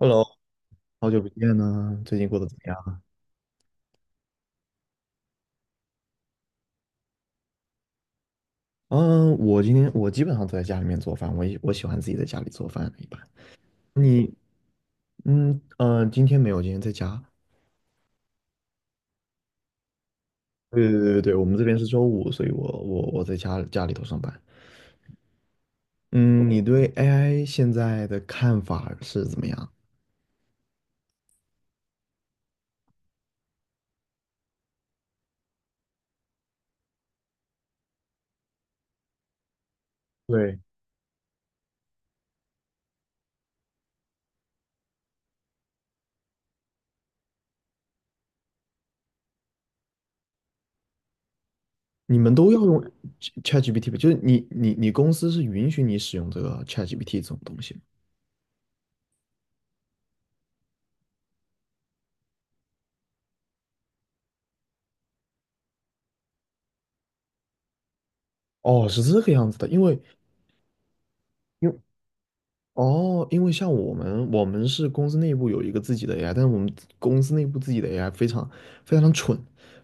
Hello，好久不见呢，最近过得怎么样？嗯，我今天我基本上都在家里面做饭，我也喜欢自己在家里做饭一般。你，今天没有，今天在家。对对对对，我们这边是周五，所以我在家里头上班。嗯，你对 AI 现在的看法是怎么样？对，你们都要用 ChatGPT 吧？就是你公司是允许你使用这个 ChatGPT 这种东西吗？哦，是这个样子的，因为哦，因为像我们是公司内部有一个自己的 AI，但是我们公司内部自己的 AI 非常非常蠢，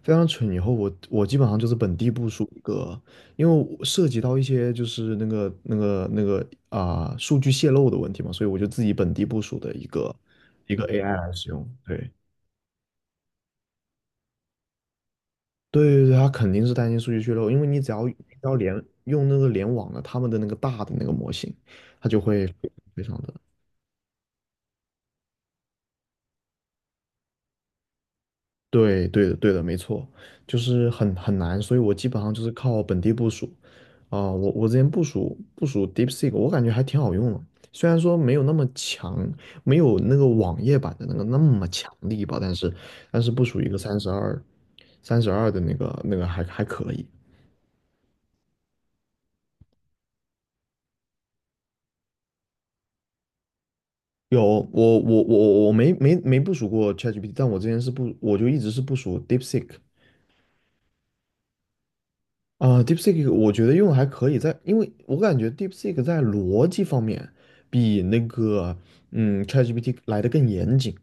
非常蠢。以后我基本上就是本地部署一个，因为我涉及到一些就是那个数据泄露的问题嘛，所以我就自己本地部署的一个 AI 来使用。对对对对，它肯定是担心数据泄露，因为你只要连用那个联网的他们的那个大的那个模型，它就会非常的。对，对的，对的，没错，就是很难，所以我基本上就是靠本地部署。我之前部署 DeepSeek，我感觉还挺好用的，虽然说没有那么强，没有那个网页版的那个那么强力吧，但是但是部署一个三十二的那个还可以。有我没部署过 ChatGPT，但我之前是不我就一直是部署 DeepSeek。啊，DeepSeek 我觉得用的还可以在，因为我感觉 DeepSeek 在逻辑方面比那个ChatGPT 来的更严谨。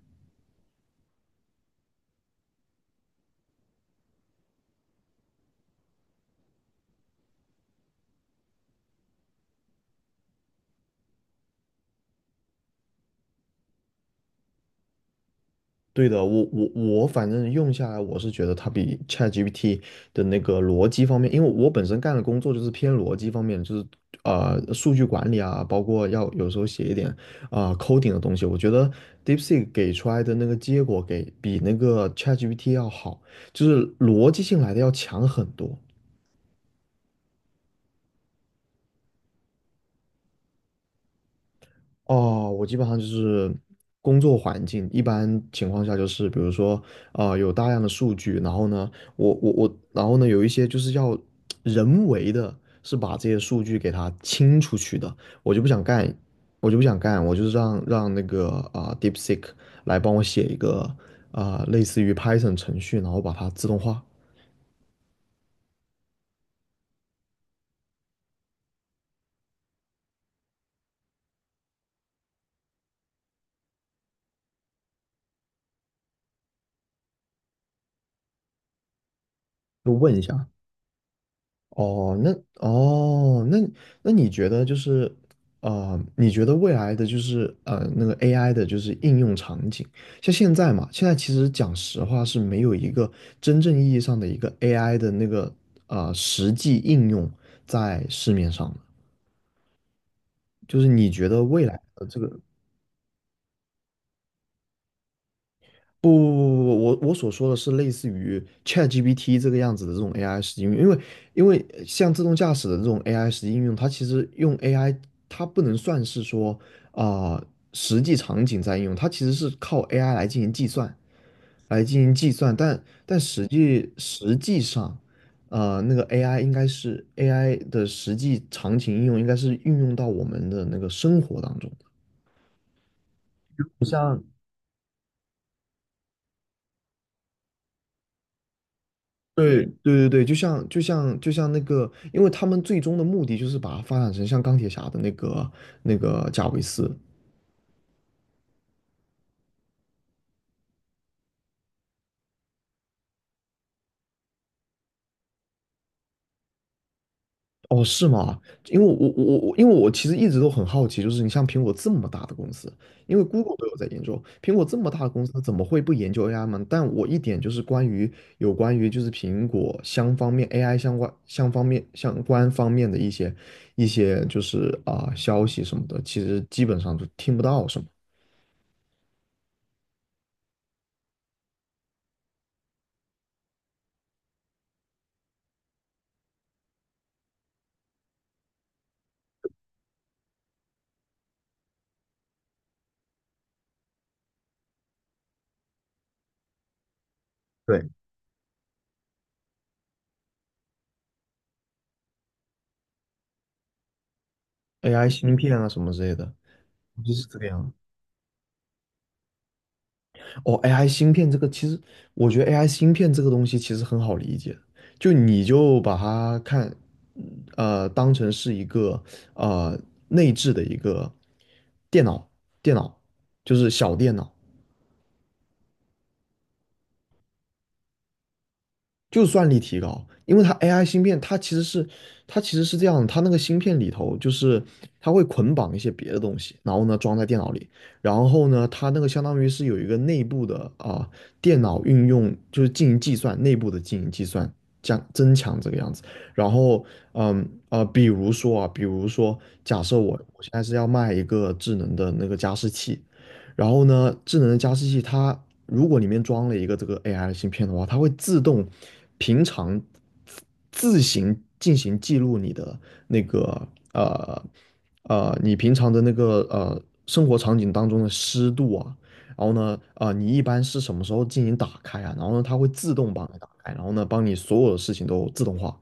对的，我反正用下来，我是觉得它比 ChatGPT 的那个逻辑方面，因为我本身干的工作就是偏逻辑方面，就是数据管理啊，包括要有时候写一点coding 的东西，我觉得 DeepSeek 给出来的那个结果给比那个 ChatGPT 要好，就是逻辑性来的要强很多。哦，我基本上就是工作环境，一般情况下就是比如说，啊，有大量的数据，然后呢，我我我，然后呢，有一些就是要人为的，是把这些数据给它清出去的，我就不想干，我就不想干，我就是让那个DeepSeek 来帮我写一个类似于 Python 程序，然后把它自动化，就问一下。哦，那哦，那你觉得就是，你觉得未来的就是那个 AI 的就是应用场景，像现在嘛，现在其实讲实话是没有一个真正意义上的一个 AI 的那个实际应用在市面上的，就是你觉得未来的这个不不不不，不，我所说的是类似于 ChatGPT 这个样子的这种 AI 实际应用，因为像自动驾驶的这种 AI 实际应用，它其实用 AI，它不能算是说啊、实际场景在应用，它其实是靠 AI 来进行计算，来进行计算，但实际上，那个 AI 应该是 AI 的实际场景应用，应该是运用到我们的那个生活当中。不像对对对对，就像那个，因为他们最终的目的就是把它发展成像钢铁侠的那个贾维斯。哦，是吗？因为我其实一直都很好奇，就是你像苹果这么大的公司，因为 Google 都有在研究，苹果这么大的公司，它怎么会不研究 AI 吗？但我一点就是关于有关于就是苹果相方面 AI 相关相方面相关方面的一些就是消息什么的，其实基本上就听不到什么。对。AI 芯片啊什么之类的，就是这个样。哦，AI 芯片这个其实，我觉得 AI 芯片这个东西其实很好理解，就你就把它看，当成是一个呃内置的一个电脑，电脑，就是小电脑，就算力提高，因为它 AI 芯片，它其实是这样的它那个芯片里头就是它会捆绑一些别的东西，然后呢装在电脑里，然后呢它那个相当于是有一个内部的电脑运用就是进行计算，内部的进行计算降增强这个样子。然后比如说假设我现在是要卖一个智能的那个加湿器，然后呢，智能的加湿器它如果里面装了一个这个 AI 的芯片的话，它会自动平常自行进行记录你的那个呃你平常的那个生活场景当中的湿度啊，然后呢你一般是什么时候进行打开啊？然后呢它会自动帮你打开，然后呢帮你所有的事情都自动化。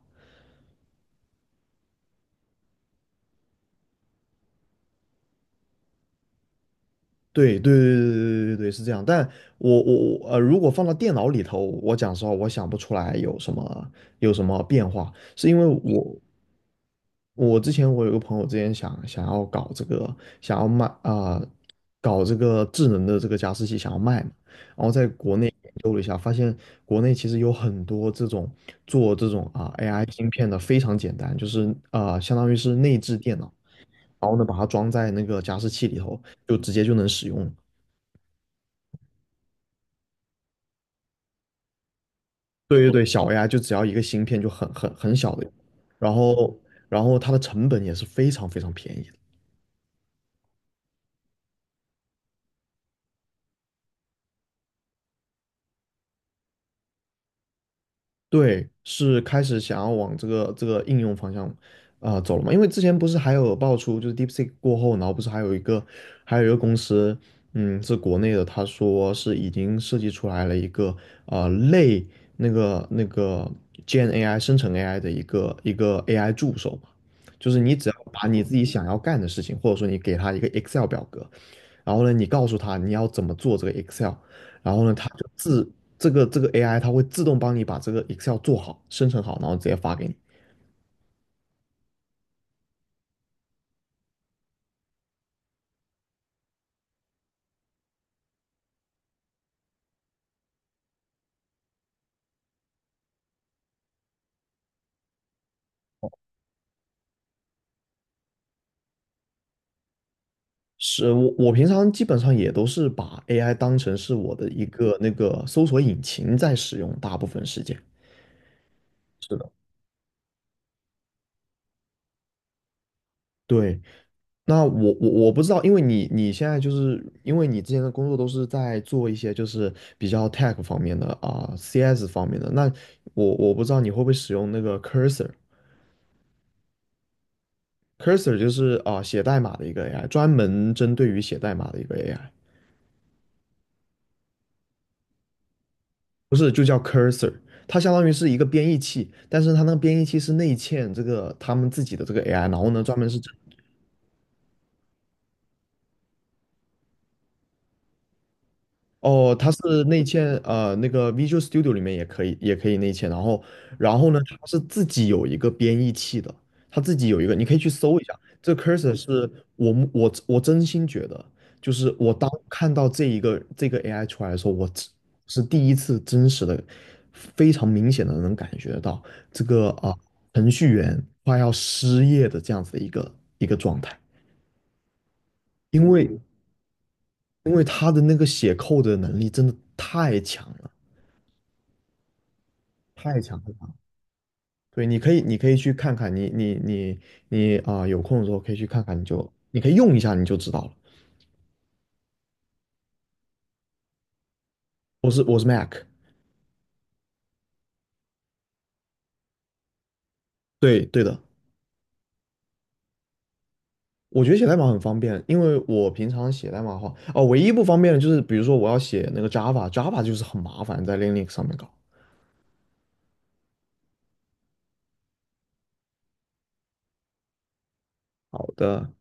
对对对对对对对，是这样。但我我我呃，如果放到电脑里头，我讲实话，我想不出来有什么有什么变化，是因为我我之前我有个朋友之前想要搞这个，想要卖搞这个智能的这个加湿器想要卖嘛，然后在国内研究了一下，发现国内其实有很多这种做这种AI 芯片的非常简单，就是相当于是内置电脑，然后呢把它装在那个加湿器里头，就直接就能使用了对对对，小 AI 就只要一个芯片就很小的，然后然后它的成本也是非常非常便宜对，是开始想要往这个应用方向走了嘛？因为之前不是还有爆出，就是 DeepSeek 过后，然后不是还有一个公司，嗯，是国内的，他说是已经设计出来了一个呃类那个那个 g n AI 生成 AI 的一个 AI 助手嘛，就是你只要把你自己想要干的事情，或者说你给他一个 Excel 表格，然后呢，你告诉他你要怎么做这个 Excel，然后呢，它就自这个 AI 它会自动帮你把这个 Excel 做好、生成好，然后直接发给你。是我我平常基本上也都是把 AI 当成是我的一个那个搜索引擎在使用，大部分时间。是的。对，那我不知道，因为你现在就是因为你之前的工作都是在做一些就是比较 tech 方面的CS 方面的，那我不知道你会不会使用那个 Cursor，Cursor 就是写代码的一个 AI，专门针对于写代码的一个 AI。不是，就叫 cursor，它相当于是一个编译器，但是它那个编译器是内嵌这个他们自己的这个 AI，然后呢，专门是针哦，它是内嵌，那个 Visual Studio 里面也可以，也可以内嵌。然后，然后呢，它是自己有一个编译器的，它自己有一个，你可以去搜一下。这个 Cursor 是我目我我真心觉得，就是我当看到这个 AI 出来的时候，我只是第一次真实的、非常明显的能感觉到这个程序员快要失业的这样子的一个状态，因为因为他的那个写扣的能力真的太强了。太强了吧。对，你可以，你可以去看看，你有空的时候可以去看看，你就你可以用一下，你就知道了。我是 Mac，对对的，我觉得写代码很方便，因为我平常写代码的话，哦，唯一不方便的就是比如说我要写那个 Java，Java 就是很麻烦，在 Linux 上面搞。好的，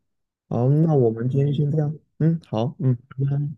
好，那我们今天先这样，嗯，好，嗯，拜拜。